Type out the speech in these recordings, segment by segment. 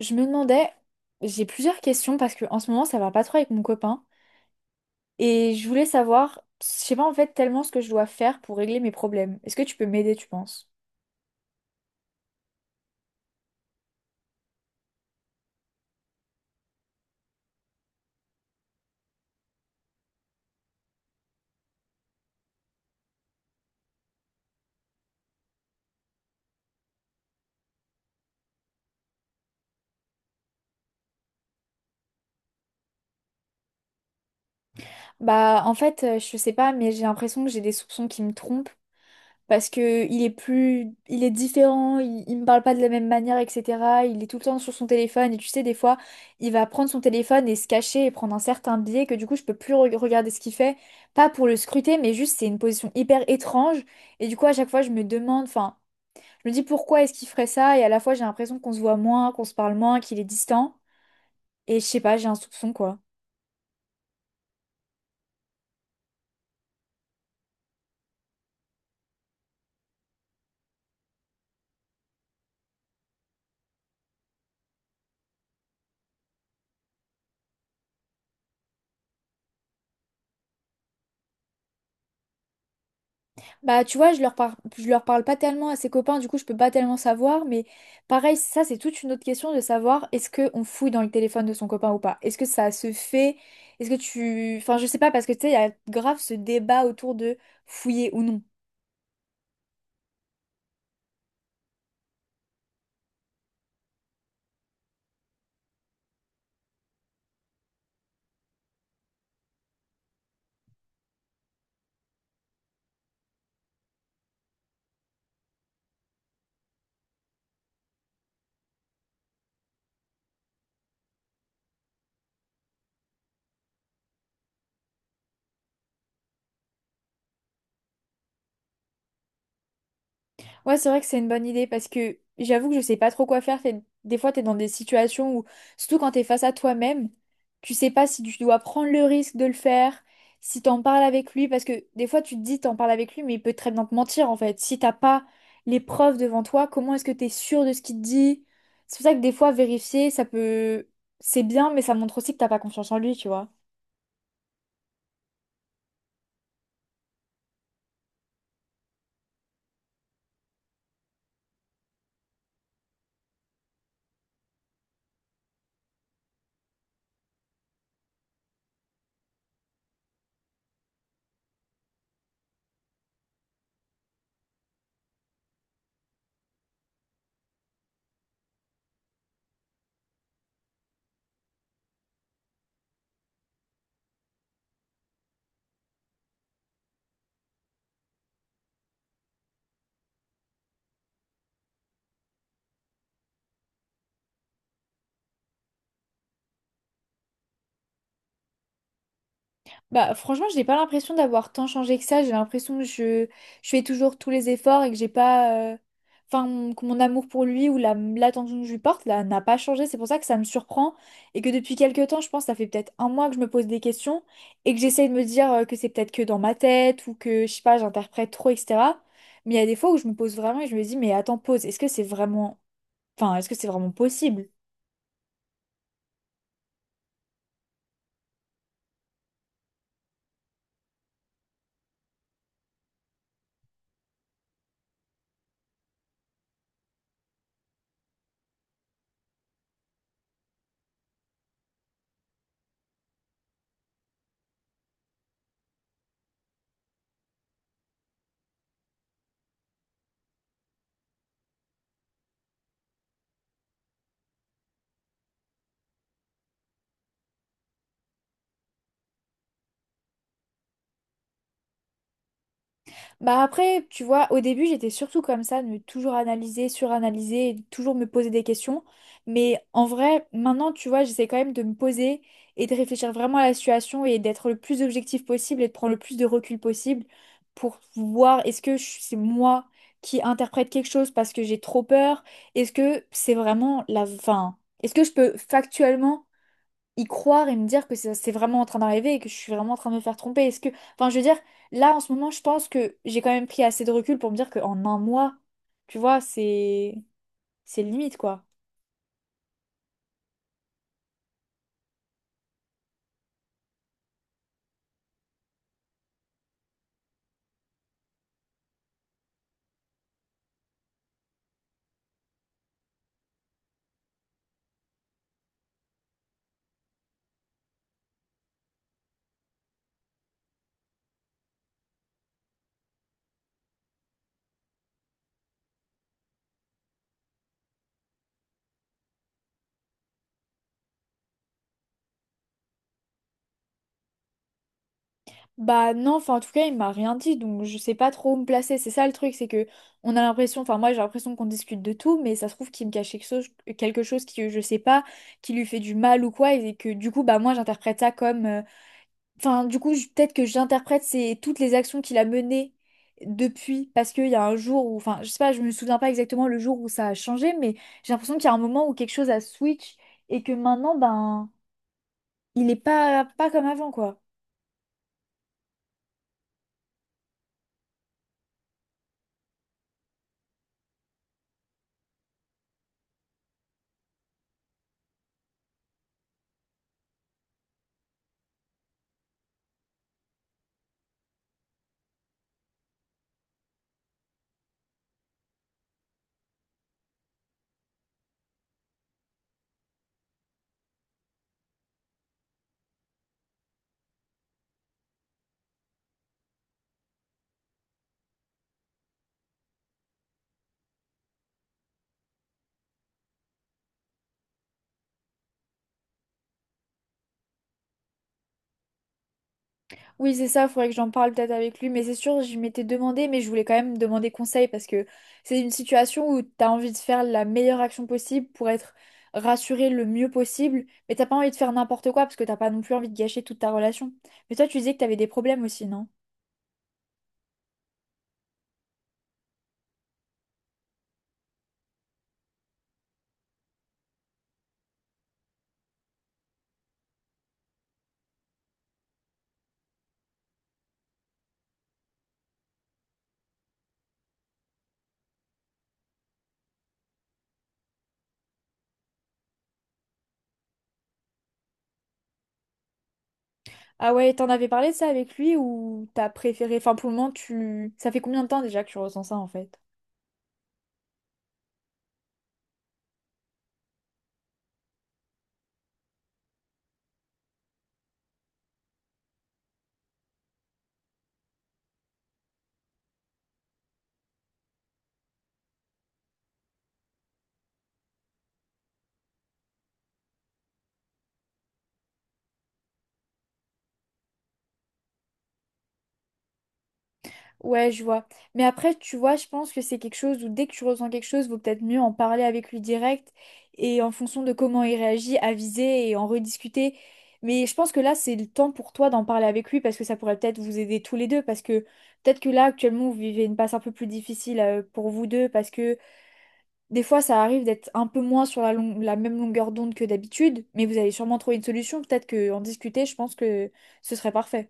Je me demandais, j'ai plusieurs questions parce que en ce moment ça va pas trop avec mon copain et je voulais savoir, je sais pas en fait tellement ce que je dois faire pour régler mes problèmes. Est-ce que tu peux m'aider, tu penses? Bah en fait, je sais pas, mais j'ai l'impression que j'ai des soupçons qui me trompent. Parce que il est plus, il est différent, il me parle pas de la même manière, etc. Il est tout le temps sur son téléphone et tu sais, des fois, il va prendre son téléphone et se cacher et prendre un certain biais que du coup, je peux plus regarder ce qu'il fait, pas pour le scruter, mais juste c'est une position hyper étrange et du coup, à chaque fois, je me demande, enfin, je me dis pourquoi est-ce qu'il ferait ça et à la fois, j'ai l'impression qu'on se voit moins, qu'on se parle moins, qu'il est distant et je sais pas, j'ai un soupçon quoi. Bah, tu vois, je leur parle pas tellement à ses copains, du coup, je peux pas tellement savoir, mais pareil, ça, c'est toute une autre question de savoir est-ce qu'on fouille dans le téléphone de son copain ou pas? Est-ce que ça se fait? Est-ce que tu. Enfin, je sais pas, parce que tu sais, il y a grave ce débat autour de fouiller ou non. Ouais, c'est vrai que c'est une bonne idée parce que j'avoue que je sais pas trop quoi faire. Des fois, t'es dans des situations où, surtout quand t'es face à toi-même, tu sais pas si tu dois prendre le risque de le faire, si t'en parles avec lui, parce que des fois, tu te dis t'en parles avec lui, mais il peut très bien te mentir en fait. Si t'as pas les preuves devant toi, comment est-ce que t'es sûr de ce qu'il te dit? C'est pour ça que des fois, vérifier, ça peut, c'est bien, mais ça montre aussi que t'as pas confiance en lui, tu vois. Bah, franchement, je n'ai pas l'impression d'avoir tant changé que ça. J'ai l'impression que je fais toujours tous les efforts et que j'ai pas. Enfin, que mon amour pour lui ou la, l'attention que je lui porte là, n'a pas changé. C'est pour ça que ça me surprend et que depuis quelques temps, je pense, ça fait peut-être un mois que je me pose des questions et que j'essaye de me dire que c'est peut-être que dans ma tête ou que, je sais pas, j'interprète trop, etc. Mais il y a des fois où je me pose vraiment et je me dis, mais attends, pause, est-ce que c'est vraiment. Enfin, est-ce que c'est vraiment possible? Bah après, tu vois, au début, j'étais surtout comme ça, de me toujours analyser, suranalyser, et de toujours me poser des questions. Mais en vrai, maintenant, tu vois, j'essaie quand même de me poser et de réfléchir vraiment à la situation et d'être le plus objectif possible et de prendre le plus de recul possible pour voir est-ce que c'est moi qui interprète quelque chose parce que j'ai trop peur? Est-ce que c'est vraiment la… Enfin, est-ce que je peux factuellement y croire et me dire que c'est vraiment en train d'arriver et que je suis vraiment en train de me faire tromper. Est-ce que, enfin, je veux dire, là en ce moment, je pense que j'ai quand même pris assez de recul pour me dire qu'en un mois, tu vois, c'est limite quoi. Bah non, enfin en tout cas, il m'a rien dit, donc je sais pas trop où me placer. C'est ça le truc, c'est que on a l'impression, enfin moi j'ai l'impression qu'on discute de tout, mais ça se trouve qu'il me cache quelque chose qui je sais pas, qui lui fait du mal ou quoi, et que du coup bah moi j'interprète ça comme Enfin, du coup, peut-être que j'interprète c'est toutes les actions qu'il a menées depuis, parce qu'il y a un jour où, enfin, je sais pas, je me souviens pas exactement le jour où ça a changé, mais j'ai l'impression qu'il y a un moment où quelque chose a switch et que maintenant, ben, il est pas comme avant, quoi. Oui, c'est ça, il faudrait que j'en parle peut-être avec lui, mais c'est sûr, je m'étais demandé, mais je voulais quand même demander conseil parce que c'est une situation où t'as envie de faire la meilleure action possible pour être rassuré le mieux possible, mais t'as pas envie de faire n'importe quoi parce que t'as pas non plus envie de gâcher toute ta relation. Mais toi, tu disais que t'avais des problèmes aussi, non? Ah ouais, t'en avais parlé de ça avec lui ou t'as préféré, enfin pour le moment, tu… Ça fait combien de temps déjà que tu ressens ça en fait? Ouais, je vois. Mais après, tu vois, je pense que c'est quelque chose où dès que tu ressens quelque chose, vaut peut-être mieux en parler avec lui direct et en fonction de comment il réagit, aviser et en rediscuter. Mais je pense que là, c'est le temps pour toi d'en parler avec lui parce que ça pourrait peut-être vous aider tous les deux. Parce que peut-être que là, actuellement, vous vivez une passe un peu plus difficile pour vous deux parce que des fois, ça arrive d'être un peu moins sur la, la même longueur d'onde que d'habitude. Mais vous allez sûrement trouver une solution. Peut-être qu'en discuter, je pense que ce serait parfait.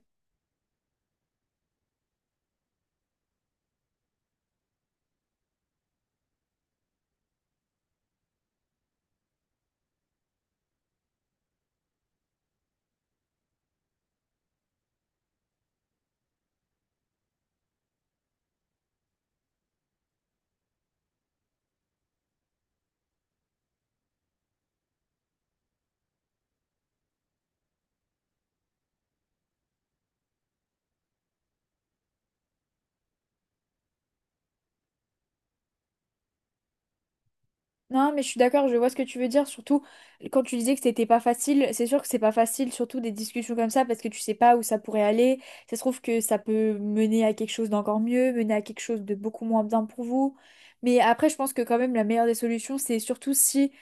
Non, mais je suis d'accord, je vois ce que tu veux dire. Surtout quand tu disais que c'était pas facile, c'est sûr que c'est pas facile, surtout des discussions comme ça, parce que tu sais pas où ça pourrait aller. Ça se trouve que ça peut mener à quelque chose d'encore mieux, mener à quelque chose de beaucoup moins bien pour vous. Mais après, je pense que quand même la meilleure des solutions, c'est surtout si.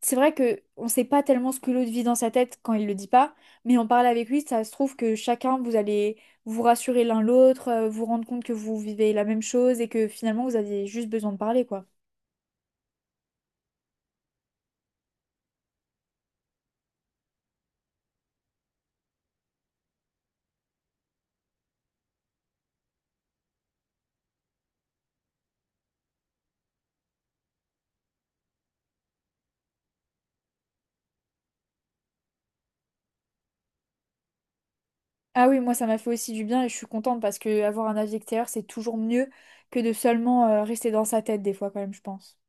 C'est vrai que on sait pas tellement ce que l'autre vit dans sa tête quand il le dit pas, mais en parle avec lui, ça se trouve que chacun vous allez vous rassurer l'un l'autre, vous rendre compte que vous vivez la même chose et que finalement vous aviez juste besoin de parler, quoi. Ah oui, moi ça m'a fait aussi du bien et je suis contente parce que avoir un avis extérieur, c'est toujours mieux que de seulement rester dans sa tête des fois quand même, je pense.